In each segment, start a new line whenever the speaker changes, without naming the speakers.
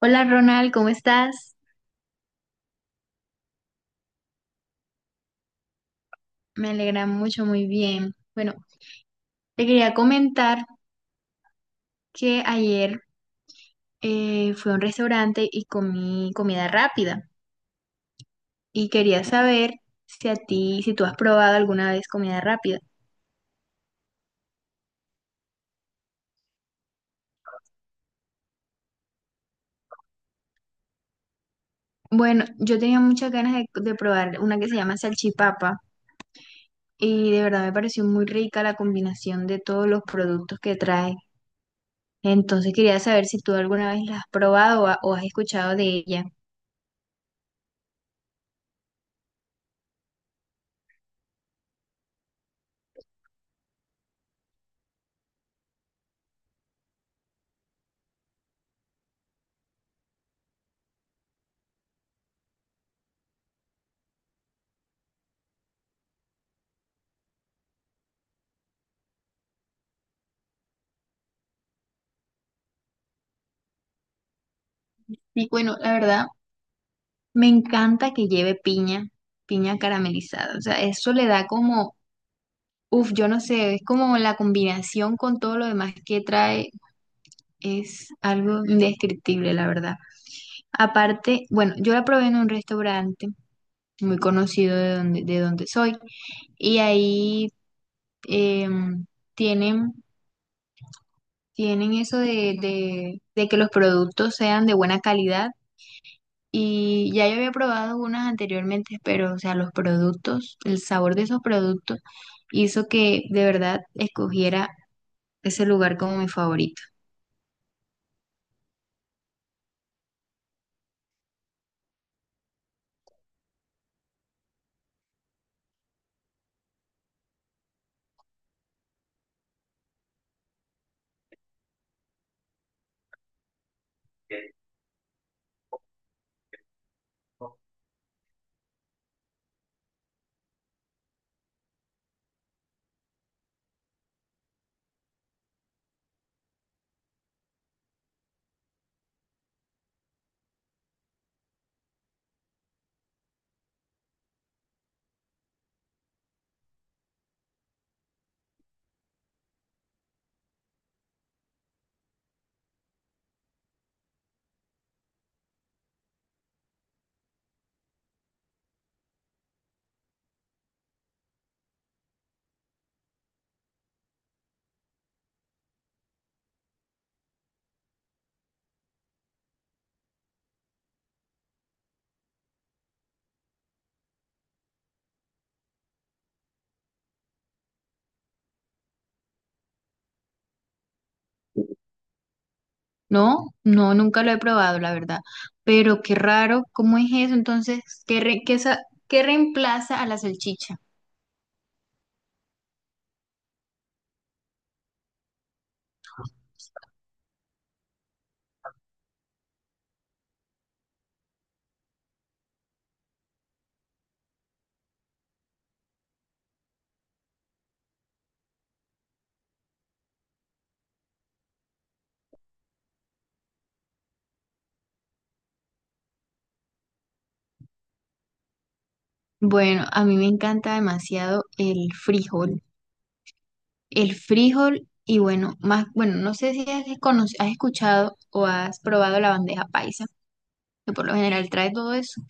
Hola Ronald, ¿cómo estás? Me alegra mucho, muy bien. Bueno, te quería comentar que ayer fui a un restaurante y comí comida rápida y quería saber si a ti, si tú has probado alguna vez comida rápida. Bueno, yo tenía muchas ganas de probar una que se llama salchipapa y de verdad me pareció muy rica la combinación de todos los productos que trae. Entonces quería saber si tú alguna vez la has probado o o has escuchado de ella. Y bueno, la verdad, me encanta que lleve piña, piña caramelizada. O sea, eso le da como, uff, yo no sé, es como la combinación con todo lo demás que trae, es algo indescriptible, la verdad. Aparte, bueno, yo la probé en un restaurante muy conocido de donde soy y ahí em, tienen, tienen eso de, de que los productos sean de buena calidad. Y ya yo había probado unas anteriormente, pero, o sea, los productos, el sabor de esos productos hizo que de verdad escogiera ese lugar como mi favorito. No, no, nunca lo he probado, la verdad. Pero qué raro, ¿cómo es eso? Entonces, ¿qué, qué, qué reemplaza a la salchicha? Bueno, a mí me encanta demasiado el frijol. El frijol y bueno, más, bueno, no sé si has escuchado o has probado la bandeja paisa, que por lo general trae todo eso.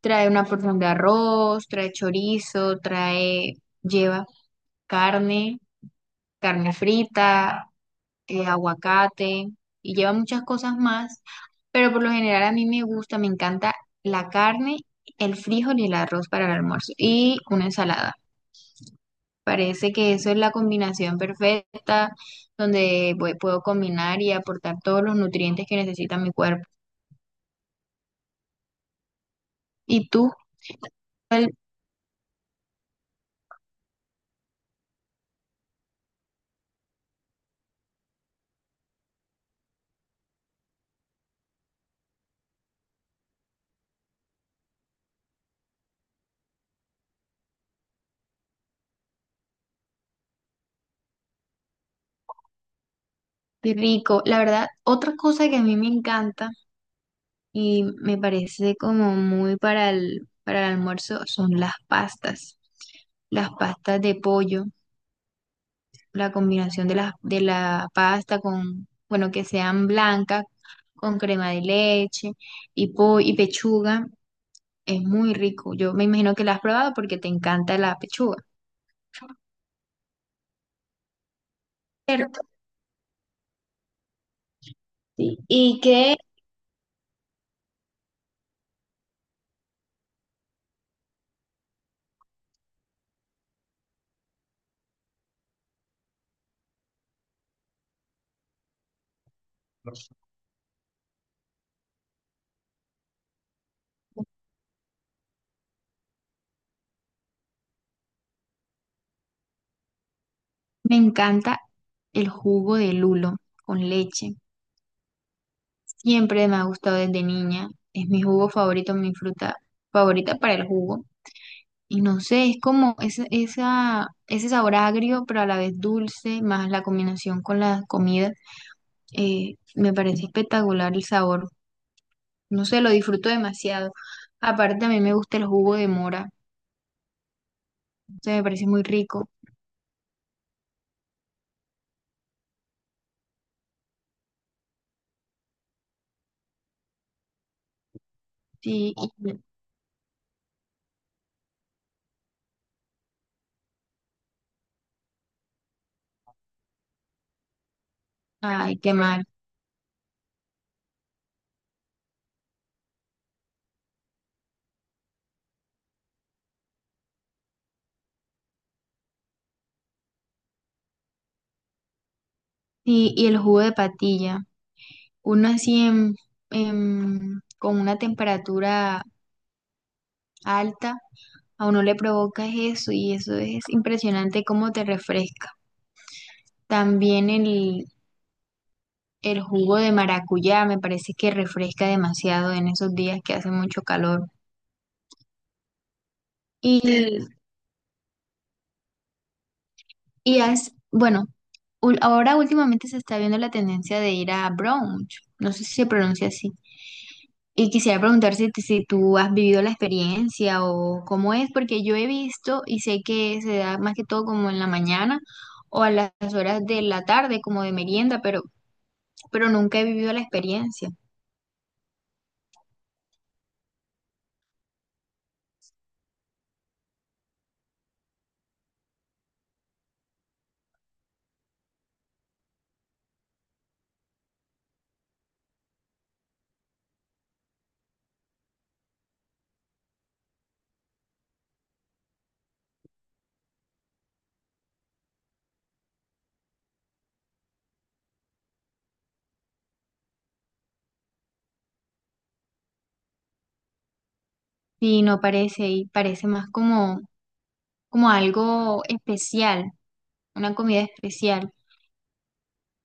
Trae una porción de arroz, trae chorizo, trae, lleva carne, carne frita, aguacate y lleva muchas cosas más, pero por lo general a mí me gusta, me encanta la carne, el frijol y el arroz para el almuerzo y una ensalada. Parece que eso es la combinación perfecta donde puedo combinar y aportar todos los nutrientes que necesita mi cuerpo. ¿Y tú? ¿Cuál? Qué rico. La verdad, otra cosa que a mí me encanta y me parece como muy para el almuerzo son las pastas. Las pastas de pollo, la combinación de la pasta con, bueno, que sean blancas, con crema de leche y, po y pechuga, es muy rico. Yo me imagino que la has probado porque te encanta la pechuga, ¿cierto? Sí. ¿Y qué? Me encanta el jugo de lulo con leche. Siempre me ha gustado desde niña. Es mi jugo favorito, mi fruta favorita para el jugo. Y no sé, es como ese sabor agrio, pero a la vez dulce, más la combinación con la comida. Me parece espectacular el sabor. No sé, lo disfruto demasiado. Aparte, a mí me gusta el jugo de mora. O sea, me parece muy rico. Sí, y- Ay, qué mal. Sí, y el jugo de patilla. Uno así con una temperatura alta, a uno le provoca eso y eso es impresionante cómo te refresca. También el jugo de maracuyá me parece que refresca demasiado en esos días que hace mucho calor. Y, bueno, ahora últimamente se está viendo la tendencia de ir a brunch, no sé si se pronuncia así. Y quisiera preguntar si, si tú has vivido la experiencia o cómo es, porque yo he visto y sé que se da más que todo como en la mañana o a las horas de la tarde, como de merienda, pero nunca he vivido la experiencia. Y no parece, y parece más como, como algo especial, una comida especial.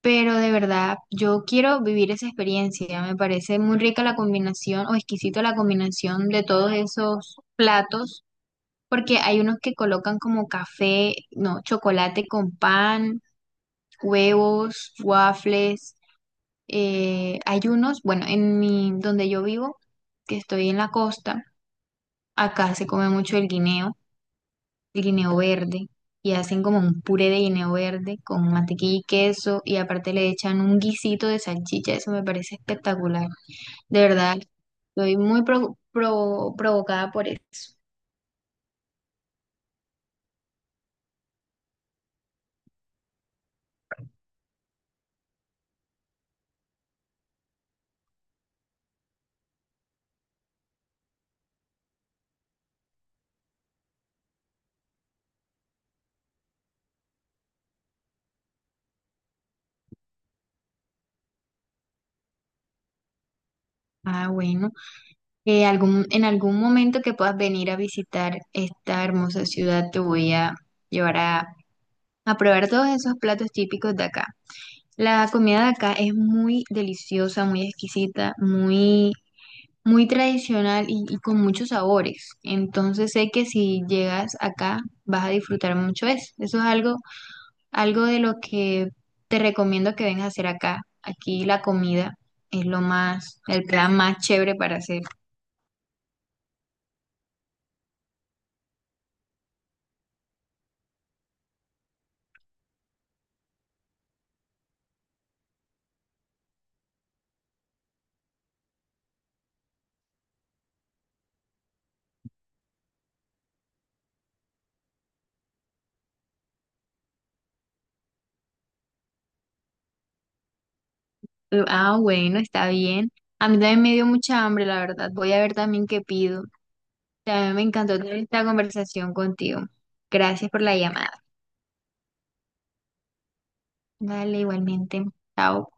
Pero de verdad, yo quiero vivir esa experiencia. Me parece muy rica la combinación o exquisita la combinación de todos esos platos. Porque hay unos que colocan como café, no, chocolate con pan, huevos, waffles. Hay unos, bueno, en mi, donde yo vivo, que estoy en la costa, acá se come mucho el guineo verde, y hacen como un puré de guineo verde con mantequilla y queso, y aparte le echan un guisito de salchicha, eso me parece espectacular. De verdad, estoy muy provocada por eso. Ah, bueno. En algún momento que puedas venir a visitar esta hermosa ciudad, te voy a llevar a probar todos esos platos típicos de acá. La comida de acá es muy deliciosa, muy exquisita, muy, muy tradicional y con muchos sabores. Entonces sé que si llegas acá vas a disfrutar mucho eso. Eso es algo, algo de lo que te recomiendo que vengas a hacer acá. Aquí la comida es lo más, el plan más chévere para hacer. Bueno, está bien. A mí también me dio mucha hambre, la verdad. Voy a ver también qué pido. También me encantó tener esta conversación contigo. Gracias por la llamada. Dale, igualmente. Chao.